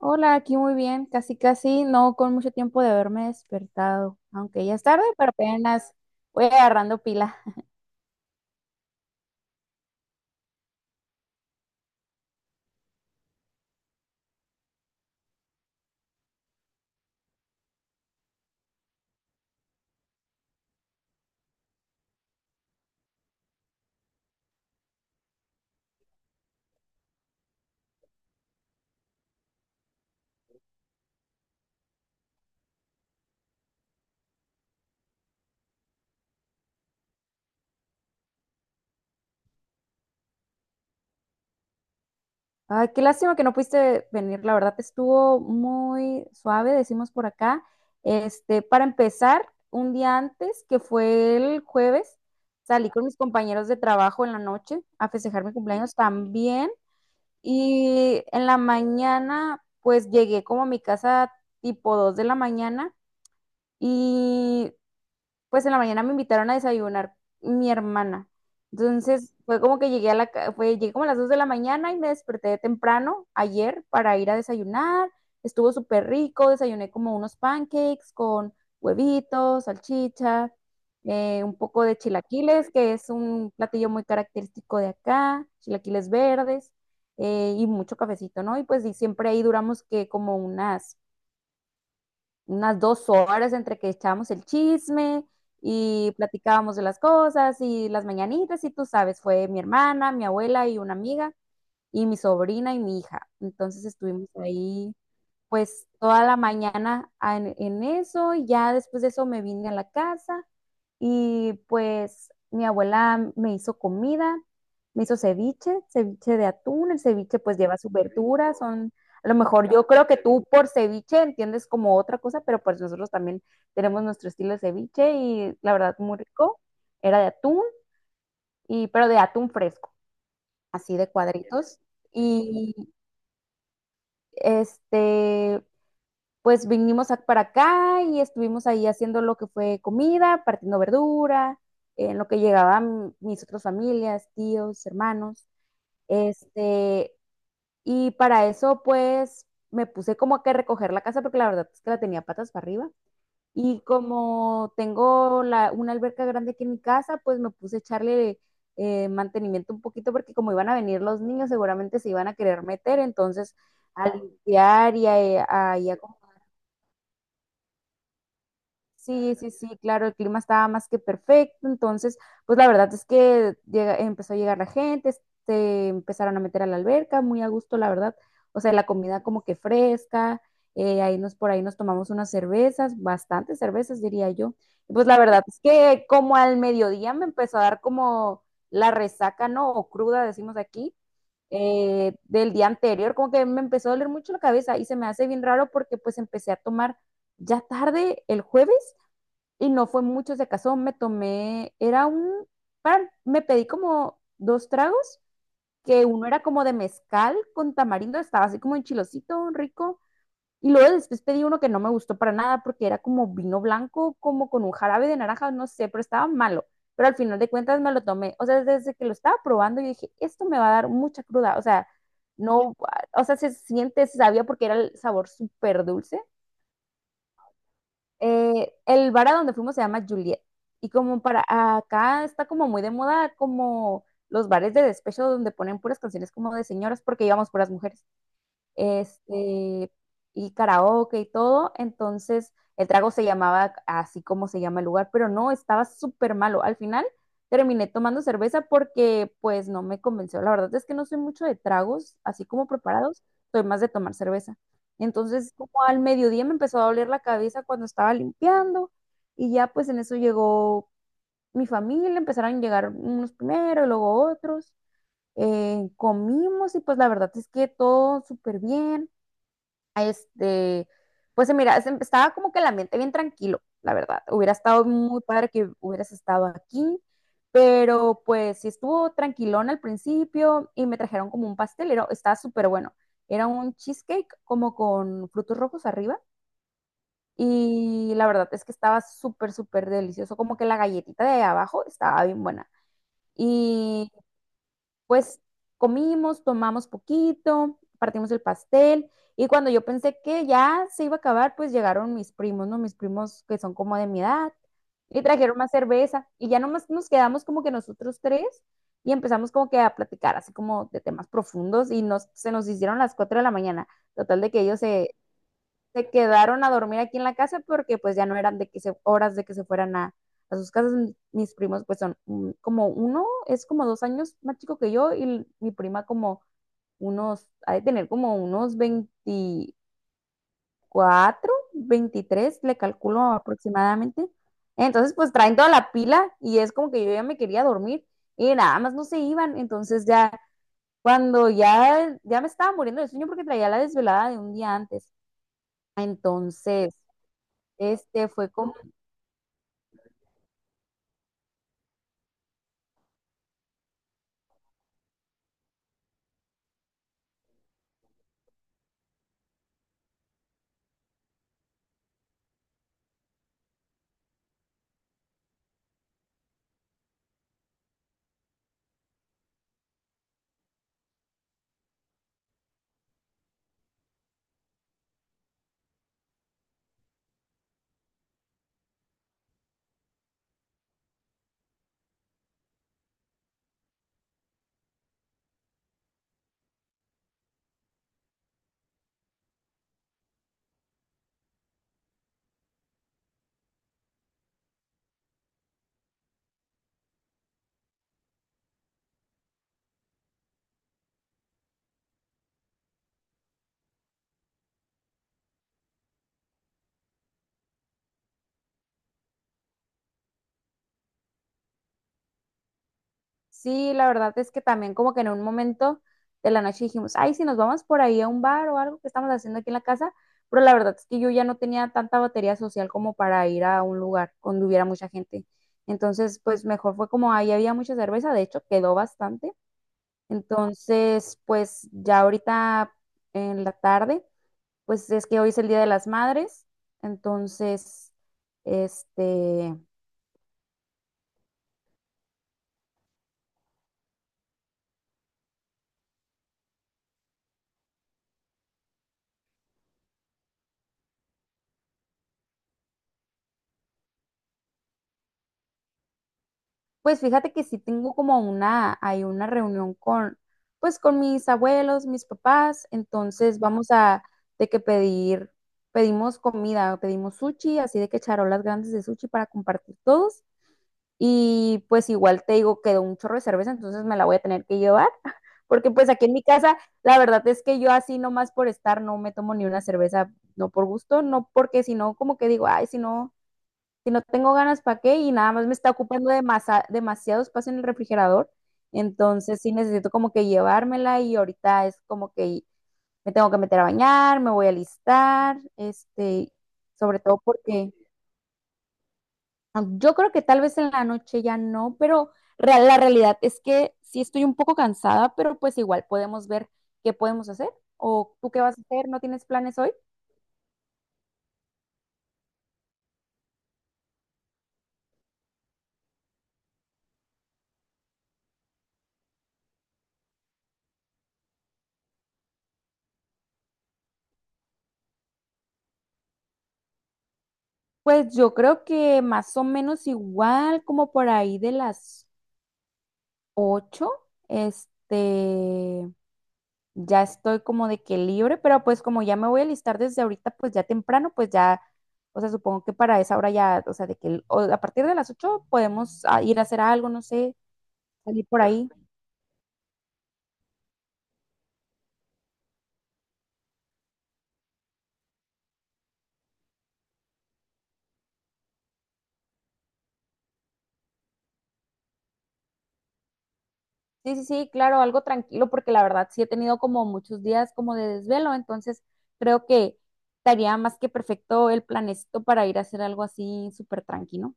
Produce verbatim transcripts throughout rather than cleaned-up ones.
Hola, aquí muy bien, casi casi, no con mucho tiempo de haberme despertado, aunque ya es tarde, pero apenas voy agarrando pila. Ay, qué lástima que no pudiste venir, la verdad estuvo muy suave, decimos por acá. Este, para empezar, un día antes, que fue el jueves, salí con mis compañeros de trabajo en la noche a festejar mi cumpleaños también. Y en la mañana, pues llegué como a mi casa tipo dos de la mañana. Y pues en la mañana me invitaron a desayunar mi hermana. Entonces fue como que llegué a la, ca- fue, llegué como a las dos de la mañana y me desperté temprano ayer para ir a desayunar. Estuvo súper rico, desayuné como unos pancakes con huevitos, salchicha, eh, un poco de chilaquiles, que es un platillo muy característico de acá, chilaquiles verdes, eh, y mucho cafecito, ¿no? Y pues y siempre ahí duramos que como unas unas dos horas entre que echábamos el chisme y platicábamos de las cosas y las mañanitas y tú sabes, fue mi hermana, mi abuela y una amiga y mi sobrina y mi hija. Entonces estuvimos ahí pues toda la mañana en, en eso, y ya después de eso me vine a la casa y pues mi abuela me hizo comida, me hizo ceviche, ceviche de atún. El ceviche pues lleva su verdura, son, a lo mejor yo creo que tú por ceviche entiendes como otra cosa, pero pues nosotros también tenemos nuestro estilo de ceviche y la verdad muy rico. Era de atún, y, pero de atún fresco, así de cuadritos. Y este, pues vinimos a- para acá y estuvimos ahí haciendo lo que fue comida, partiendo verdura, en lo que llegaban mis otras familias, tíos, hermanos. Este, y para eso pues me puse como que a recoger la casa, porque la verdad es que la tenía patas para arriba, y como tengo la, una alberca grande aquí en mi casa, pues me puse a echarle eh, mantenimiento un poquito, porque como iban a venir los niños seguramente se iban a querer meter, entonces a limpiar y a, a, y a Sí, sí, sí, claro, el clima estaba más que perfecto. Entonces, pues la verdad es que llega- empezó a llegar la gente, se empezaron a meter a la alberca, muy a gusto, la verdad, o sea, la comida como que fresca. Eh, ahí nos, por ahí nos tomamos unas cervezas, bastantes cervezas, diría yo, y pues la verdad es que como al mediodía me empezó a dar como la resaca, ¿no? O cruda, decimos aquí, eh, del día anterior. Como que me empezó a doler mucho la cabeza y se me hace bien raro porque pues empecé a tomar ya tarde el jueves y no fue mucho. Si acaso me tomé, era un, para- me pedí como dos tragos, que uno era como de mezcal con tamarindo, estaba así como enchilosito, rico, y luego después pedí uno que no me gustó para nada, porque era como vino blanco, como con un jarabe de naranja, no sé, pero estaba malo. Pero al final de cuentas me lo tomé, o sea, desde que lo estaba probando yo dije, esto me va a dar mucha cruda, o sea, no, o sea, se siente, se sabía porque era el sabor súper dulce eh, el bar a donde fuimos se llama Juliet. Y como para acá está como muy de moda como los bares de despecho, donde ponen puras canciones como de señoras, porque íbamos puras mujeres este, y karaoke y todo. Entonces, el trago se llamaba así como se llama el lugar, pero no, estaba súper malo. Al final terminé tomando cerveza porque pues no me convenció. La verdad es que no soy mucho de tragos así como preparados, soy más de tomar cerveza. Entonces, como al mediodía me empezó a doler la cabeza cuando estaba limpiando, y ya pues en eso llegó mi familia, empezaron a llegar unos primero y luego otros. Eh, comimos y pues la verdad es que todo súper bien este, pues se mira, es- estaba como que el ambiente bien tranquilo, la verdad. Hubiera estado muy padre que hubieras estado aquí, pero pues sí estuvo tranquilón al principio y me trajeron como un pastelero, estaba súper bueno. Era un cheesecake como con frutos rojos arriba y la verdad es que estaba súper, súper delicioso, como que la galletita de abajo estaba bien buena. Pues comimos, tomamos poquito, partimos el pastel, y cuando yo pensé que ya se iba a acabar, pues llegaron mis primos, ¿no? Mis primos que son como de mi edad, y trajeron más cerveza, y ya nomás nos quedamos como que nosotros tres, y empezamos como que a platicar así como de temas profundos y nos, se nos hicieron las cuatro de la mañana. Total de que ellos se, se quedaron a dormir aquí en la casa, porque pues ya no eran de que se, horas de que se fueran a, a, sus casas. Mis primos pues son mm, como uno, es como dos años más chico que yo, y mi prima como unos, ha de tener como unos veinticuatro, veintitrés le calculo aproximadamente. Entonces pues traen toda la pila y es como que yo ya me quería dormir y nada más no se iban. Entonces ya cuando ya, ya me estaba muriendo de sueño, porque traía la desvelada de un día antes. Entonces este fue como, sí, la verdad es que también como que en un momento de la noche dijimos, ay, si nos vamos por ahí a un bar o algo, que estamos haciendo aquí en la casa, pero la verdad es que yo ya no tenía tanta batería social como para ir a un lugar donde hubiera mucha gente. Entonces, pues mejor fue como ahí, había mucha cerveza, de hecho quedó bastante. Entonces, pues ya ahorita en la tarde, pues es que hoy es el Día de las Madres, entonces, este... Pues fíjate que sí tengo como una, hay una reunión con, pues con mis abuelos, mis papás, entonces vamos a, de que pedir, pedimos comida, pedimos sushi, así de que charolas grandes de sushi para compartir todos. Y pues igual te digo, quedó un chorro de cerveza, entonces me la voy a tener que llevar, porque pues aquí en mi casa, la verdad es que yo así nomás por estar no me tomo ni una cerveza, no por gusto, no, porque si no, como que digo, ay, si no si no tengo ganas, ¿para qué? Y nada más me está ocupando demasa- demasiado espacio en el refrigerador. Entonces sí necesito como que llevármela, y ahorita es como que me tengo que meter a bañar, me voy a alistar, este, sobre todo porque ah, yo creo que tal vez en la noche ya no, pero real- la realidad es que sí estoy un poco cansada, pero pues igual podemos ver qué podemos hacer. ¿O tú qué vas a hacer? ¿No tienes planes hoy? Pues yo creo que más o menos igual como por ahí de las ocho, este, ya estoy como de que libre, pero pues como ya me voy a listar desde ahorita, pues ya temprano, pues ya, o sea, supongo que para esa hora ya, o sea, de que el- o a partir de las ocho podemos ah, ir a hacer algo, no sé, salir por ahí. Sí, sí, sí, claro, algo tranquilo, porque la verdad sí he tenido como muchos días como de desvelo, entonces creo que estaría más que perfecto el planecito para ir a hacer algo así súper tranquilo.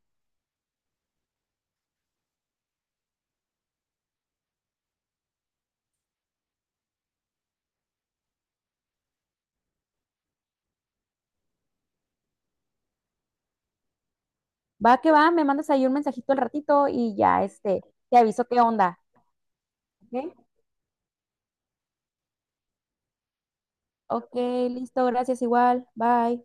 Va que va, me mandas ahí un mensajito al ratito y ya, este, te aviso qué onda. ¿Ok? Ok, listo, gracias igual. Bye.